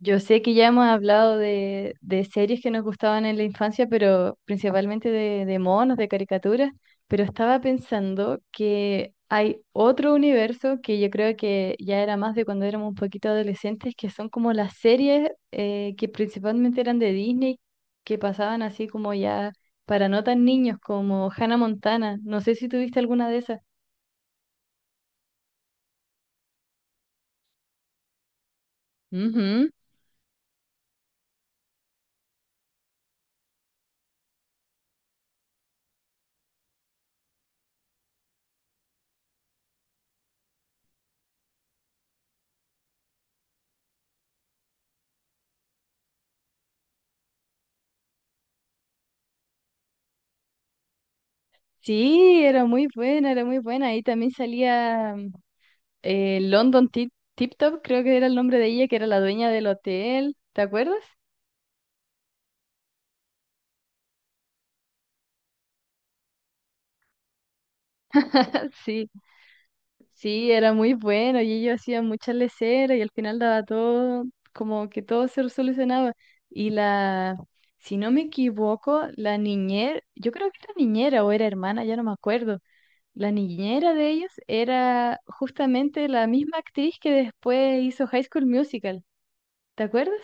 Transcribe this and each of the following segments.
Yo sé que ya hemos hablado de series que nos gustaban en la infancia, pero principalmente de monos, de caricaturas, pero estaba pensando que hay otro universo que yo creo que ya era más de cuando éramos un poquito adolescentes, que son como las series que principalmente eran de Disney, que pasaban así como ya para no tan niños, como Hannah Montana. No sé si tuviste alguna de esas. Ujú. Sí, era muy buena, era muy buena. Ahí también salía. London Tip, Tip Top, creo que era el nombre de ella, que era la dueña del hotel, ¿te acuerdas? Sí, sí, era muy bueno y ellos hacían muchas leceras y al final daba todo, como que todo se solucionaba. Y la, si no me equivoco, la niñera, yo creo que era niñera o era hermana, ya no me acuerdo. La niñera de ellos era justamente la misma actriz que después hizo High School Musical, ¿te acuerdas?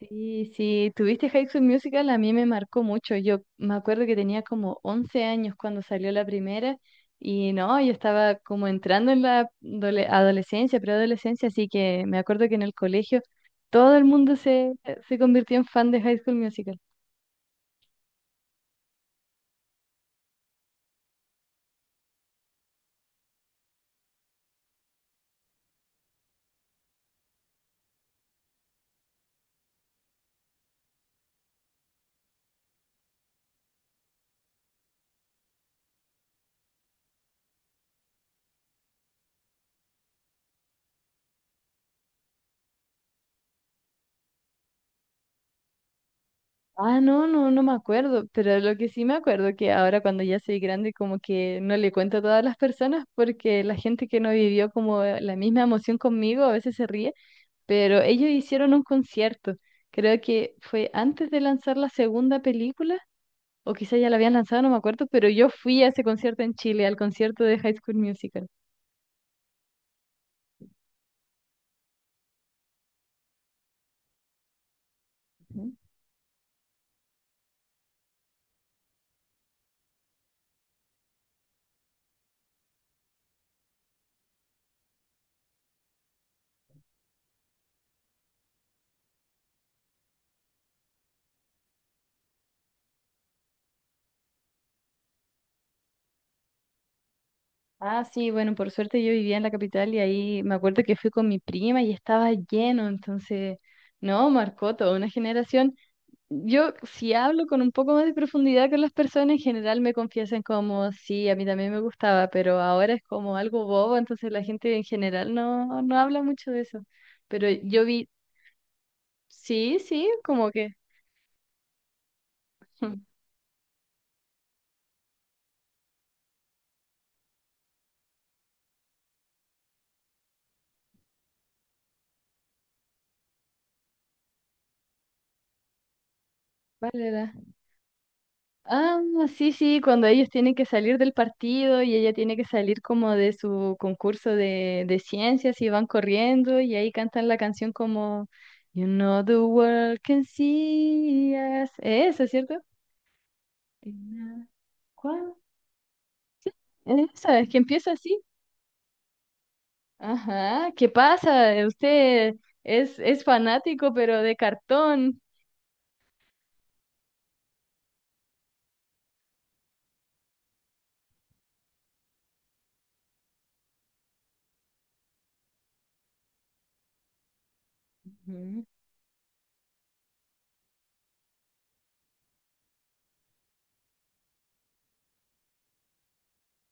Sí, sí, tuviste High School Musical, a mí me marcó mucho. Yo me acuerdo que tenía como 11 años cuando salió la primera y no, yo estaba como entrando en la adolescencia, preadolescencia, así que me acuerdo que en el colegio todo el mundo se convirtió en fan de High School Musical. Ah, no, no, no me acuerdo, pero lo que sí me acuerdo que ahora cuando ya soy grande como que no le cuento a todas las personas porque la gente que no vivió como la misma emoción conmigo a veces se ríe pero ellos hicieron un concierto. Creo que fue antes de lanzar la segunda película, o quizá ya la habían lanzado, no me acuerdo, pero yo fui a ese concierto en Chile, al concierto de High School Musical. Ujú. Ah, sí, bueno, por suerte yo vivía en la capital y ahí me acuerdo que fui con mi prima y estaba lleno, entonces, no, marcó toda una generación. Yo, si hablo con un poco más de profundidad con las personas, en general me confiesan como, sí, a mí también me gustaba, pero ahora es como algo bobo, entonces la gente en general no, no habla mucho de eso. Pero yo vi, sí, sí, como que, vale, da. Ah, sí, sí, cuando ellos tienen que salir del partido y ella tiene que salir como de su concurso de ciencias y van corriendo y ahí cantan la canción como, "You know the world can see us". Eso, ¿cierto? Elena, ¿cuál? Esa, es que empieza así. Ajá, ¿qué pasa? Usted es fanático, pero de cartón. Ujú,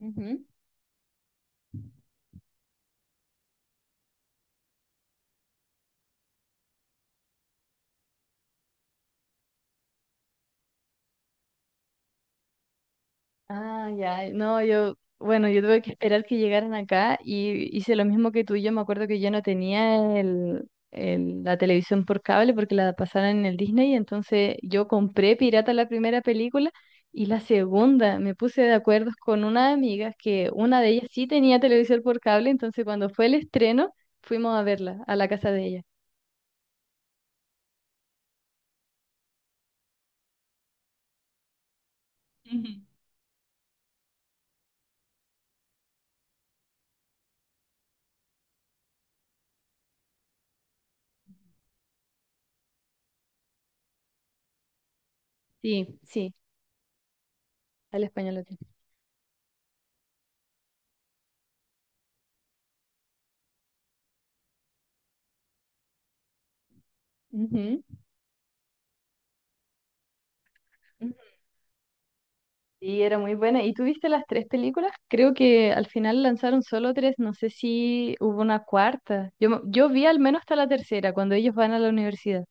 ujú. Ah, ya, no, yo, bueno, yo tuve que esperar que llegaran acá y hice lo mismo que tú. Yo me acuerdo que yo no tenía la televisión por cable porque la pasaron en el Disney, entonces yo compré pirata la primera película y la segunda me puse de acuerdo con una amiga que una de ellas sí tenía televisión por cable, entonces cuando fue el estreno fuimos a verla a la casa de ella. Ujú. Sí, sí, al español latino. Ujú. Sí, era muy buena. ¿Y tú viste las tres películas? Creo que al final lanzaron solo tres, no sé si hubo una cuarta. Yo, yo vi al menos hasta la tercera, cuando ellos van a la universidad.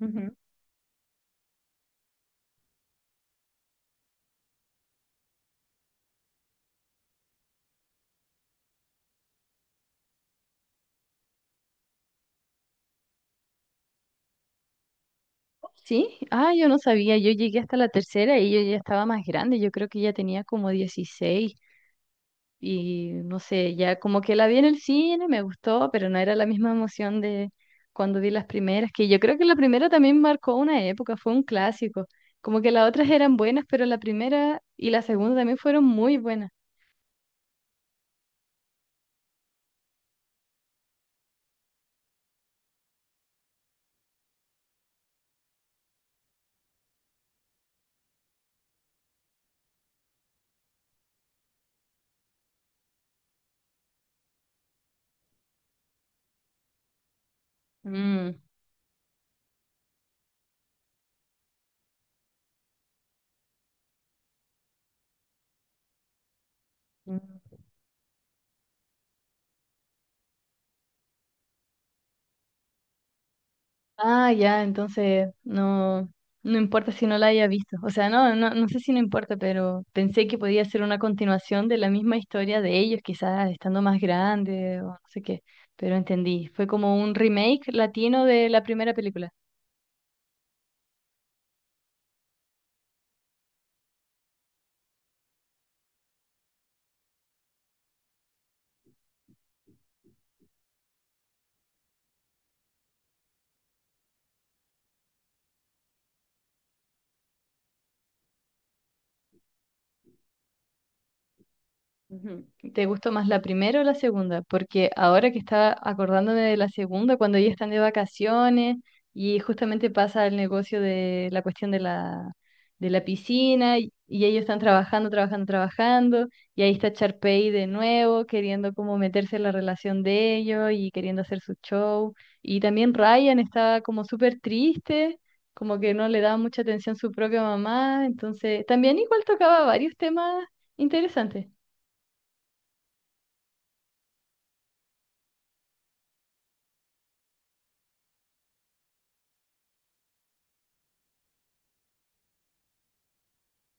Ujú. Sí, ah, yo no sabía, yo llegué hasta la tercera y yo ya estaba más grande, yo creo que ya tenía como 16. Y no sé, ya como que la vi en el cine, me gustó, pero no era la misma emoción de cuando vi las primeras, que yo creo que la primera también marcó una época, fue un clásico. Como que las otras eran buenas, pero la primera y la segunda también fueron muy buenas. Mm, mm. Ah, ya, entonces no, no importa si no la haya visto. O sea, no, no, no sé si no importa, pero pensé que podía ser una continuación de la misma historia de ellos, quizás estando más grande o no sé qué. Pero entendí, fue como un remake latino de la primera película. Ujú. ¿Te gustó más la primera o la segunda? Porque ahora que estaba acordándome de la segunda, cuando ellos están de vacaciones y justamente pasa el negocio de la cuestión de la piscina y ellos están trabajando y ahí está Charpey de nuevo queriendo como meterse en la relación de ellos y queriendo hacer su show. Y también Ryan estaba como súper triste, como que no le daba mucha atención su propia mamá, entonces también igual tocaba varios temas interesantes.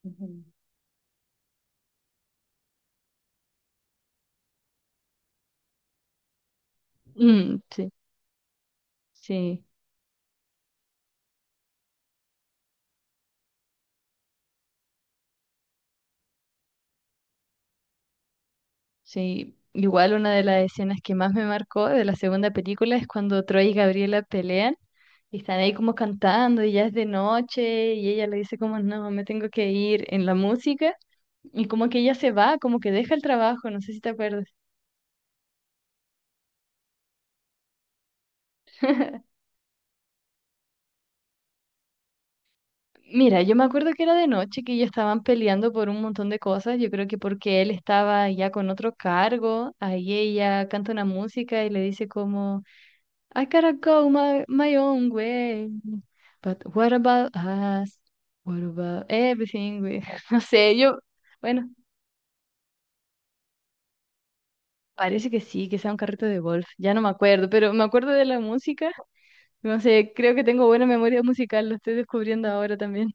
Ujú. Mm, sí, sí, sí. Igual una de las escenas que más me marcó de la segunda película es cuando Troy y Gabriela pelean y están ahí como cantando y ya es de noche y ella le dice como no, me tengo que ir en la música y como que ella se va, como que deja el trabajo, no sé si te acuerdas. Mira, yo me acuerdo que era de noche, que ya estaban peleando por un montón de cosas, yo creo que porque él estaba ya con otro cargo, ahí ella canta una música y le dice como... "I gotta go my own way. But what about us? What about everything? We-" No sé, yo, bueno, parece que sí, que sea un carrito de golf. Ya no me acuerdo, pero me acuerdo de la música. No sé, creo que tengo buena memoria musical, lo estoy descubriendo ahora también.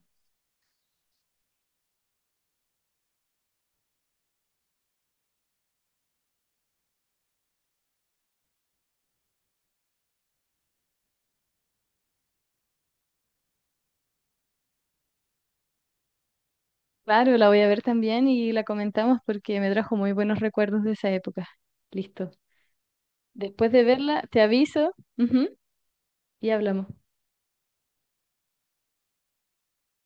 Claro, la voy a ver también y la comentamos porque me trajo muy buenos recuerdos de esa época. Listo. Después de verla, te aviso, ujú, y hablamos.